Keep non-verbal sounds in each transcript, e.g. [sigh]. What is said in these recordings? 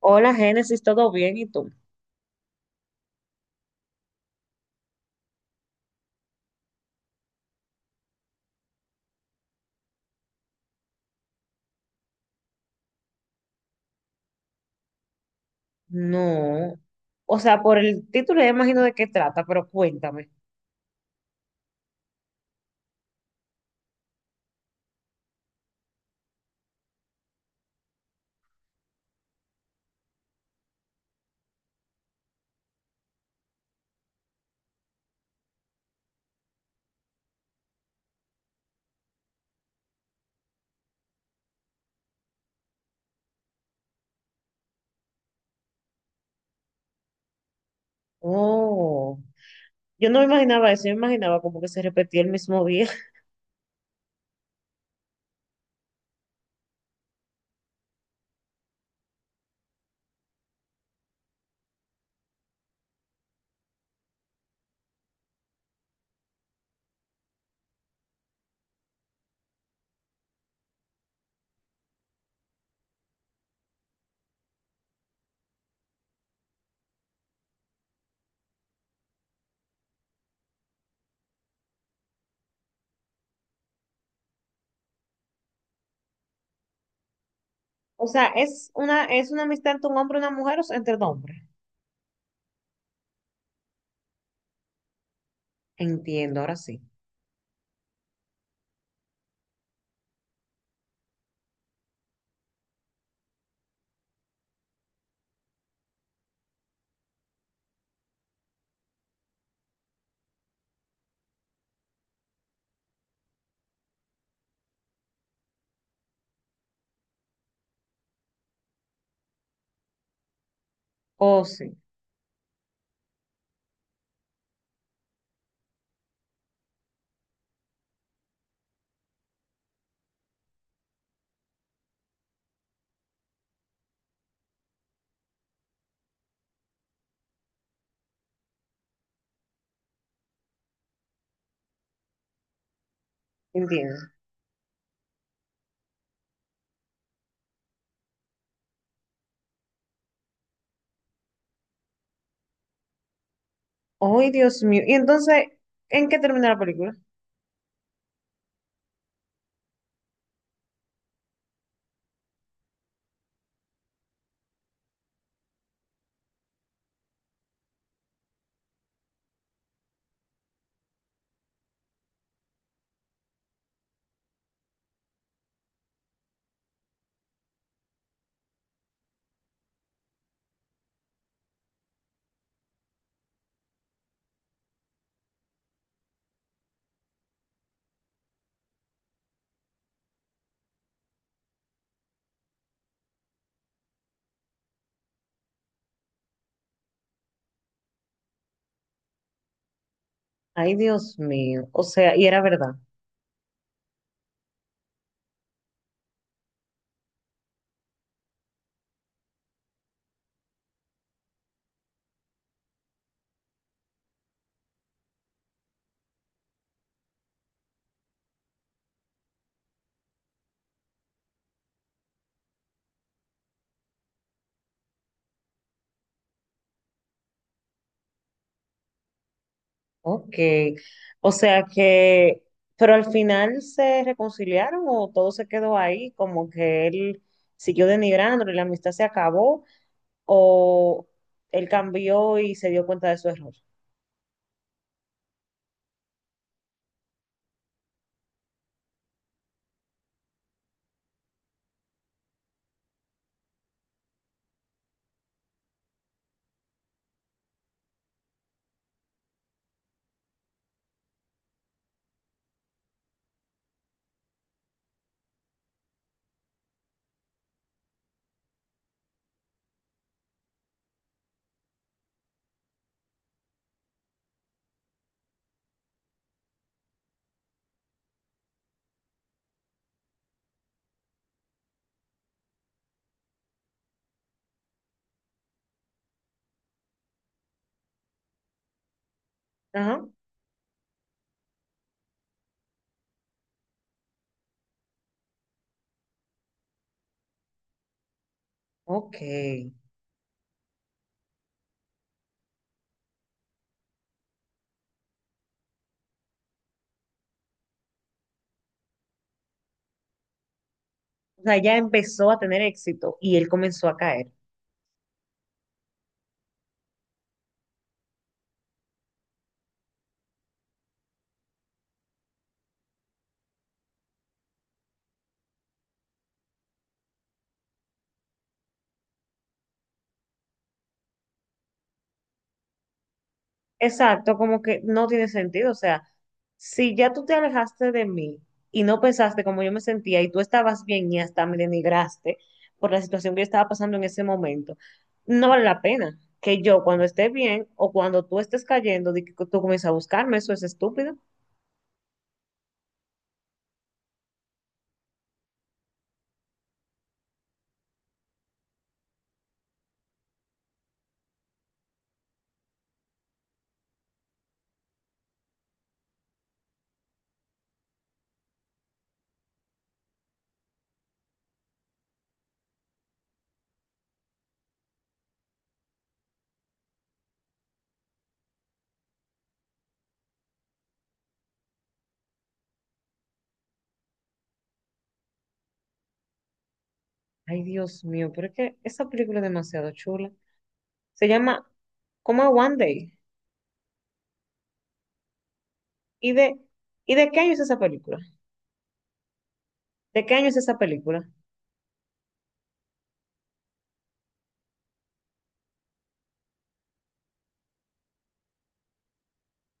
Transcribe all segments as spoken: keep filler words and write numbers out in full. Hola, Génesis, ¿todo bien? ¿Y tú? No. O sea, por el título ya imagino de qué trata, pero cuéntame. Oh, yo no me imaginaba eso, yo me imaginaba como que se repetía el mismo día. [laughs] O sea, es una, es una amistad entre un hombre y una mujer, o sea, entre dos hombres. Entiendo, ahora sí. Oh, sí, entiendo. Ay, Dios mío. Y entonces, ¿en qué termina la película? Ay, Dios mío. O sea, y era verdad. Ok, o sea que, pero al final se reconciliaron, o todo se quedó ahí, como que él siguió denigrándolo y la amistad se acabó, o él cambió y se dio cuenta de su error. Ajá, ok. O sea, ya empezó a tener éxito y él comenzó a caer. Exacto, como que no tiene sentido. O sea, si ya tú te alejaste de mí y no pensaste como yo me sentía y tú estabas bien y hasta me denigraste por la situación que yo estaba pasando en ese momento, no vale la pena que yo, cuando esté bien o cuando tú estés cayendo, di que tú comiences a buscarme. Eso es estúpido. Ay, Dios mío, pero es que esa película es demasiado chula. Se llama como One Day. ¿Y de, ¿Y de qué año es esa película? ¿De qué año es esa película?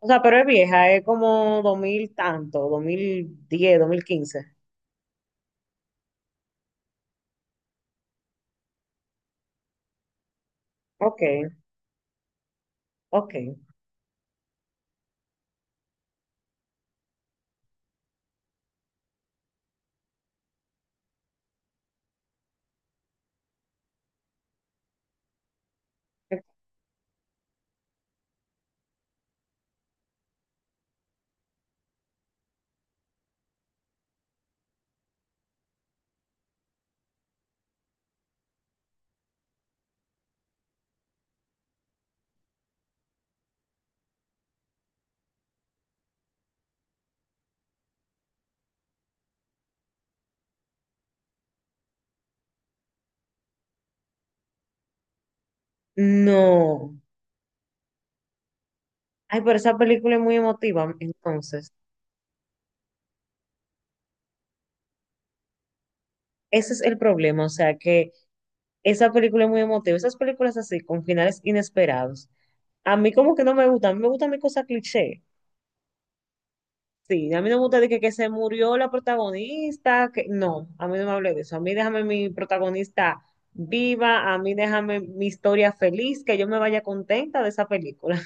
O sea, pero es vieja, es como dos mil tanto, dos dos mil diez, dos mil quince. Ok, ok. No. Ay, pero esa película es muy emotiva, entonces. Ese es el problema, o sea, que esa película es muy emotiva. Esas películas así, con finales inesperados, a mí como que no me gustan, a mí me gustan mi cosas cliché. Sí, a mí no me gusta de que, que se murió la protagonista, que no, a mí no me hable de eso. A mí déjame mi protagonista viva, a mí déjame mi historia feliz, que yo me vaya contenta de esa película.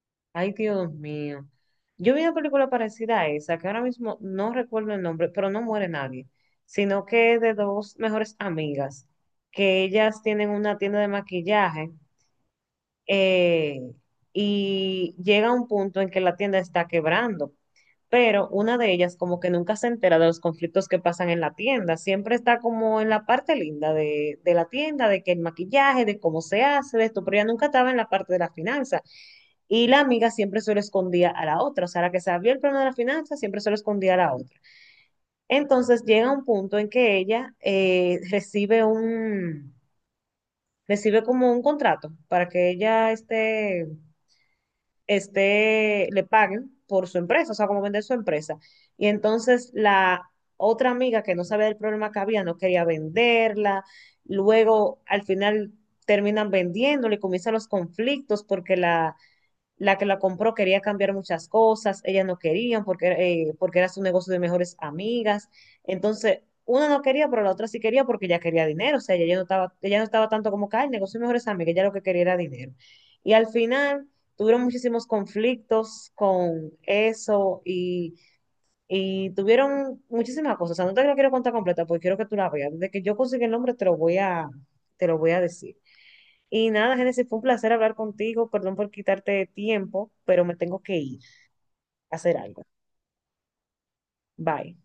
[laughs] Ay, Dios mío. Yo vi una película parecida a esa, que ahora mismo no recuerdo el nombre, pero no muere nadie, sino que es de dos mejores amigas, que ellas tienen una tienda de maquillaje, eh, y llega un punto en que la tienda está quebrando. Pero una de ellas como que nunca se entera de los conflictos que pasan en la tienda, siempre está como en la parte linda de, de la tienda, de que el maquillaje, de cómo se hace, de esto, pero ella nunca estaba en la parte de la finanza. Y la amiga siempre se lo escondía a la otra, o sea, la que sabía el plano de la finanza siempre se lo escondía a la otra. Entonces llega un punto en que ella eh, recibe un, recibe como un contrato para que ella esté este, le paguen por su empresa, o sea, como vender su empresa. Y entonces la otra amiga, que no sabía del problema que había, no quería venderla, luego al final terminan vendiéndole, y comienzan los conflictos porque la la que la compró quería cambiar muchas cosas, ellas no querían porque, eh, porque era su negocio de mejores amigas. Entonces, una no quería, pero la otra sí quería porque ella quería dinero. O sea, ella, ya no estaba, ella no estaba tanto como que "Ay, el negocio de mejores amigas", ella lo que quería era dinero. Y al final tuvieron muchísimos conflictos con eso y, y tuvieron muchísimas cosas. O sea, no te la quiero contar completa porque quiero que tú la veas. Desde que yo consiga el nombre te lo voy a, te lo voy a decir. Y nada, Génesis, fue un placer hablar contigo. Perdón por quitarte tiempo, pero me tengo que ir a hacer algo. Bye.